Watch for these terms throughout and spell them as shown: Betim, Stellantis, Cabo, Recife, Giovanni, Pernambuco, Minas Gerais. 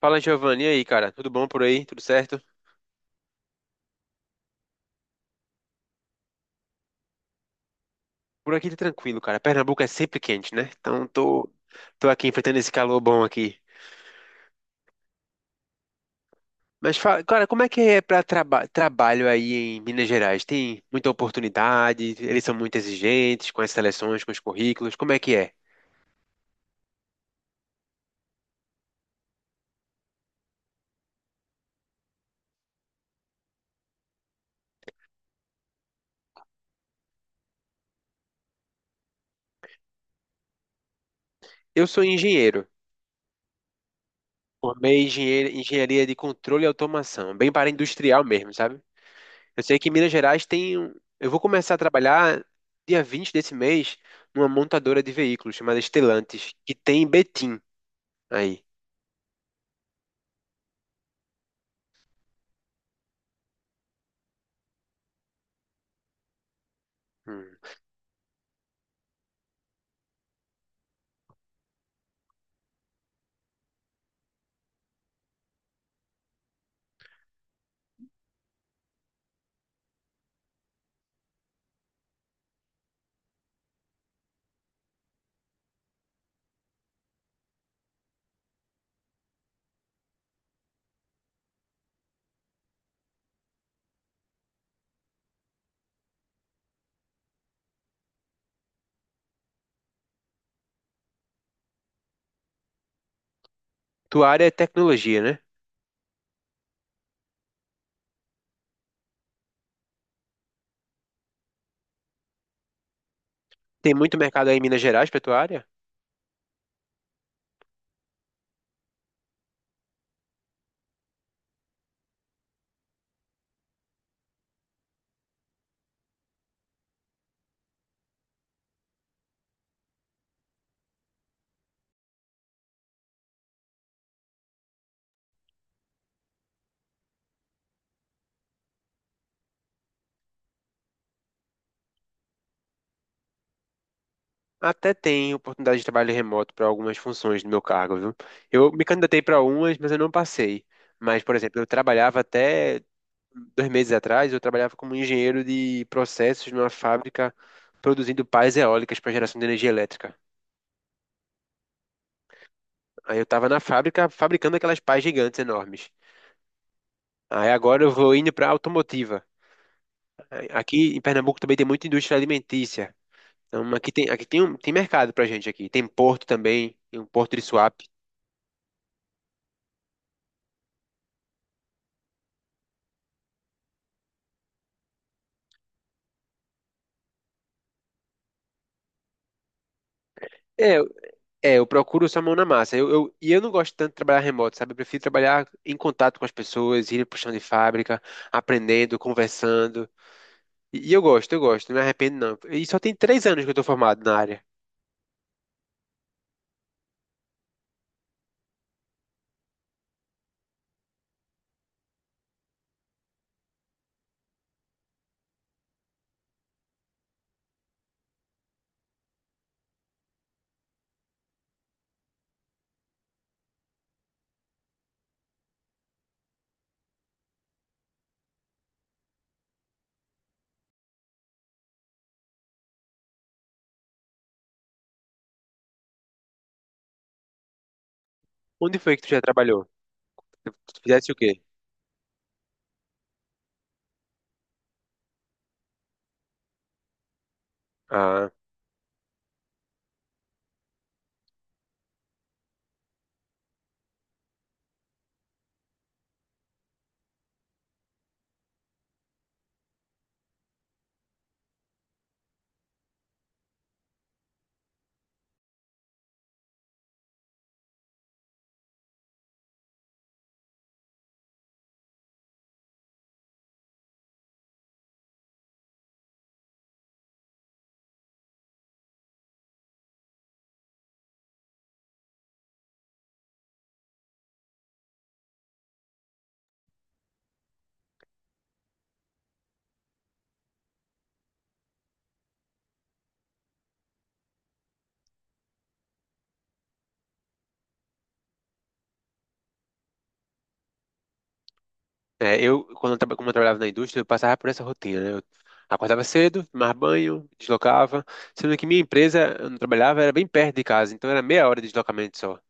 Fala, Giovanni, e aí, cara? Tudo bom por aí? Tudo certo? Por aqui tá tranquilo, cara. Pernambuco é sempre quente, né? Então tô aqui enfrentando esse calor bom aqui. Mas fala, cara, como é que é pra trabalho aí em Minas Gerais? Tem muita oportunidade? Eles são muito exigentes com as seleções, com os currículos? Como é que é? Eu sou engenheiro. Formei engenharia de controle e automação, bem para industrial mesmo, sabe? Eu sei que em Minas Gerais eu vou começar a trabalhar dia 20 desse mês numa montadora de veículos chamada Stellantis, que tem em Betim aí. Hum. Tua área é tecnologia, né? Tem muito mercado aí em Minas Gerais para tua área? Até tem oportunidade de trabalho remoto para algumas funções do meu cargo, viu? Eu me candidatei para umas, mas eu não passei. Mas, por exemplo, eu trabalhava até dois meses atrás, eu trabalhava como engenheiro de processos numa fábrica produzindo pás eólicas para geração de energia elétrica. Aí eu tava na fábrica fabricando aquelas pás gigantes enormes. Aí agora eu vou indo para automotiva. Aí Aqui em Pernambuco também tem muita indústria alimentícia. Então tem mercado pra gente aqui. Tem porto também, tem um porto de swap. É, eu- é, eu procuro essa mão na massa. E eu não gosto tanto de trabalhar remoto, sabe? Eu prefiro trabalhar em contato com as pessoas, ir pro chão de fábrica, aprendendo, conversando. E eu gosto, não me arrependo não. E só tem três anos que eu tô formado na área. Onde foi que tu já trabalhou? Tu fizesse o quê? Ah. É, eu, quando eu, traba- como eu trabalhava na indústria, eu passava por essa rotina, né? Eu acordava cedo, tomava banho, deslocava. Sendo que minha empresa, onde eu trabalhava, era bem perto de casa, então era meia hora de deslocamento só.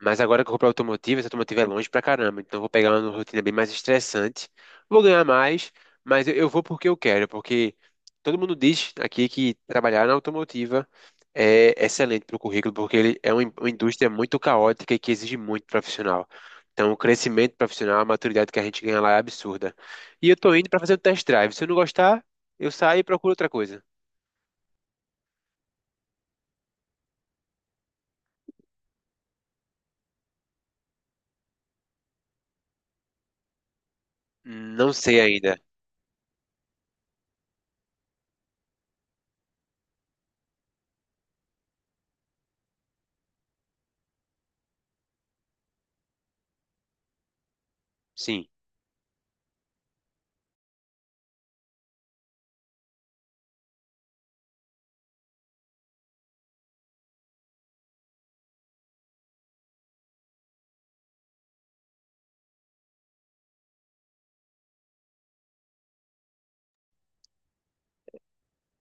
Mas agora que eu vou pra automotiva, essa automotiva é longe pra caramba. Então eu vou pegar uma rotina bem mais estressante. Vou ganhar mais, mas eu vou porque eu quero. Porque todo mundo diz aqui que trabalhar na automotiva é excelente pro currículo, porque ele é uma uma indústria muito caótica e que exige muito profissional. Então o crescimento profissional, a maturidade que a gente ganha lá é absurda. E eu tô indo pra fazer o test drive. Se eu não gostar, eu saio e procuro outra coisa. Não sei ainda. Sim.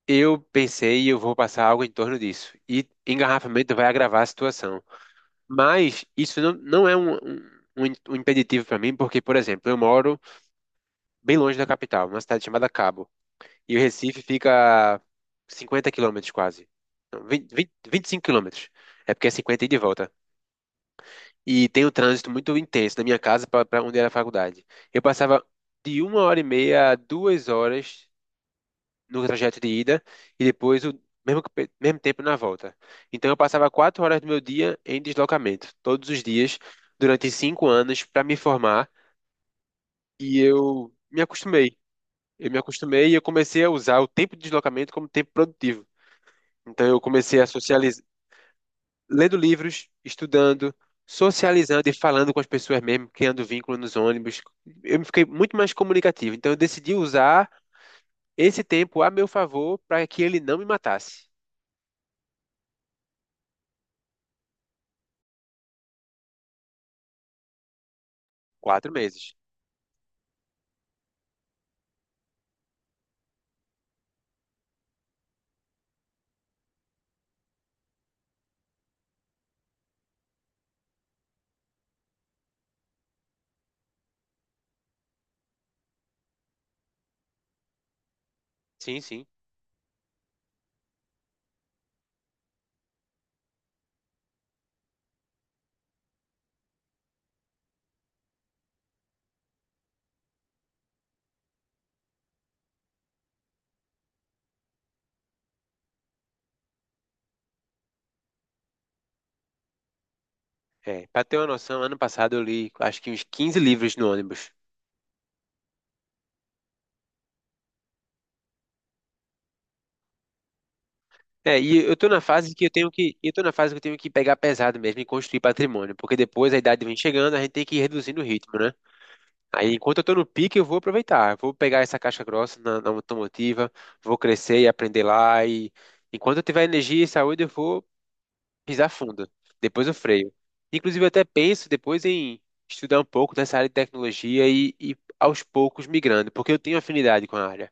Eu pensei, eu vou passar algo em torno disso. E engarrafamento vai agravar a situação. Mas isso não, não é um, um, um im- um impeditivo para mim, porque, por exemplo, eu moro bem longe da capital, numa cidade chamada Cabo. E o Recife fica a 50 quilômetros quase. Não, 20, 25 quilômetros. É porque é 50 e de volta. E tem um trânsito muito intenso da minha casa para onde era a faculdade. Eu passava de uma hora e meia a duas horas no trajeto de ida e depois mesmo tempo na volta. Então eu passava quatro horas do meu dia em deslocamento, todos os dias, durante cinco anos, para me formar, e eu me acostumei. Eu comecei a usar o tempo de deslocamento como tempo produtivo. Então eu comecei a socializar, lendo livros, estudando, socializando e falando com as pessoas mesmo, criando vínculo nos ônibus. Eu fiquei muito mais comunicativo. Então eu decidi usar esse tempo a meu favor para que ele não me matasse. Quatro meses. Sim. É, para ter uma noção, ano passado eu li acho que uns 15 livros no ônibus. É, e eu tô na fase que eu tenho que pegar pesado mesmo e construir patrimônio, porque depois a idade vem chegando, a gente tem que ir reduzindo o ritmo, né? Aí enquanto eu tô no pique, eu vou aproveitar, eu vou pegar essa caixa grossa na automotiva, vou crescer e aprender lá e enquanto eu tiver energia e saúde, eu vou pisar fundo. Depois eu freio. Inclusive eu até penso depois em estudar um pouco dessa área de tecnologia e aos poucos migrando, porque eu tenho afinidade com a área.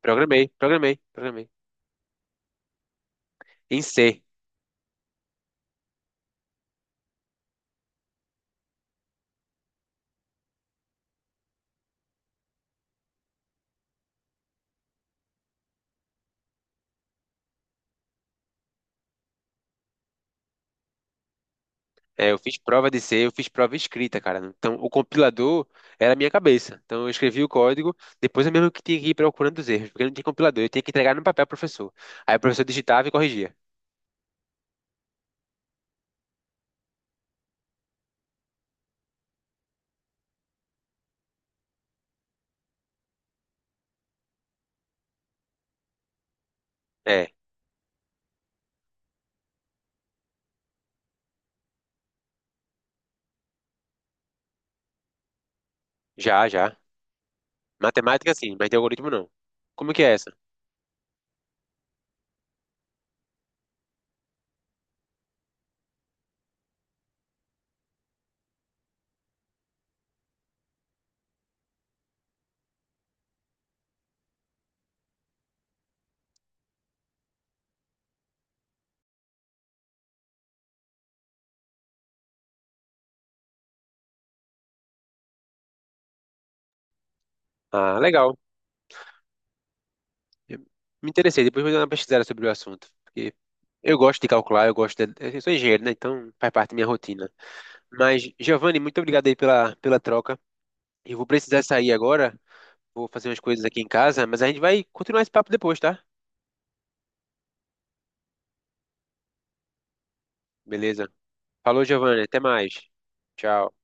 Programei. Em C. É, eu fiz prova de C, eu fiz prova escrita, cara. Então, o compilador era a minha cabeça. Então, eu escrevi o código, depois eu mesmo que tinha que ir procurando os erros, porque não tinha compilador, eu tinha que entregar no papel ao professor. Aí o professor digitava e corrigia. É, já. Matemática sim, mas de algoritmo não. Como que é essa? Ah, legal. Eu Me interessei, depois vou dar uma pesquisada sobre o assunto. Porque eu gosto de calcular, eu gosto de... Eu sou engenheiro, né? Então faz parte da minha rotina. Mas, Giovanni, muito obrigado aí pela troca. Eu vou precisar sair agora, vou fazer umas coisas aqui em casa, mas a gente vai continuar esse papo depois, tá? Beleza. Falou, Giovanni, até mais. Tchau.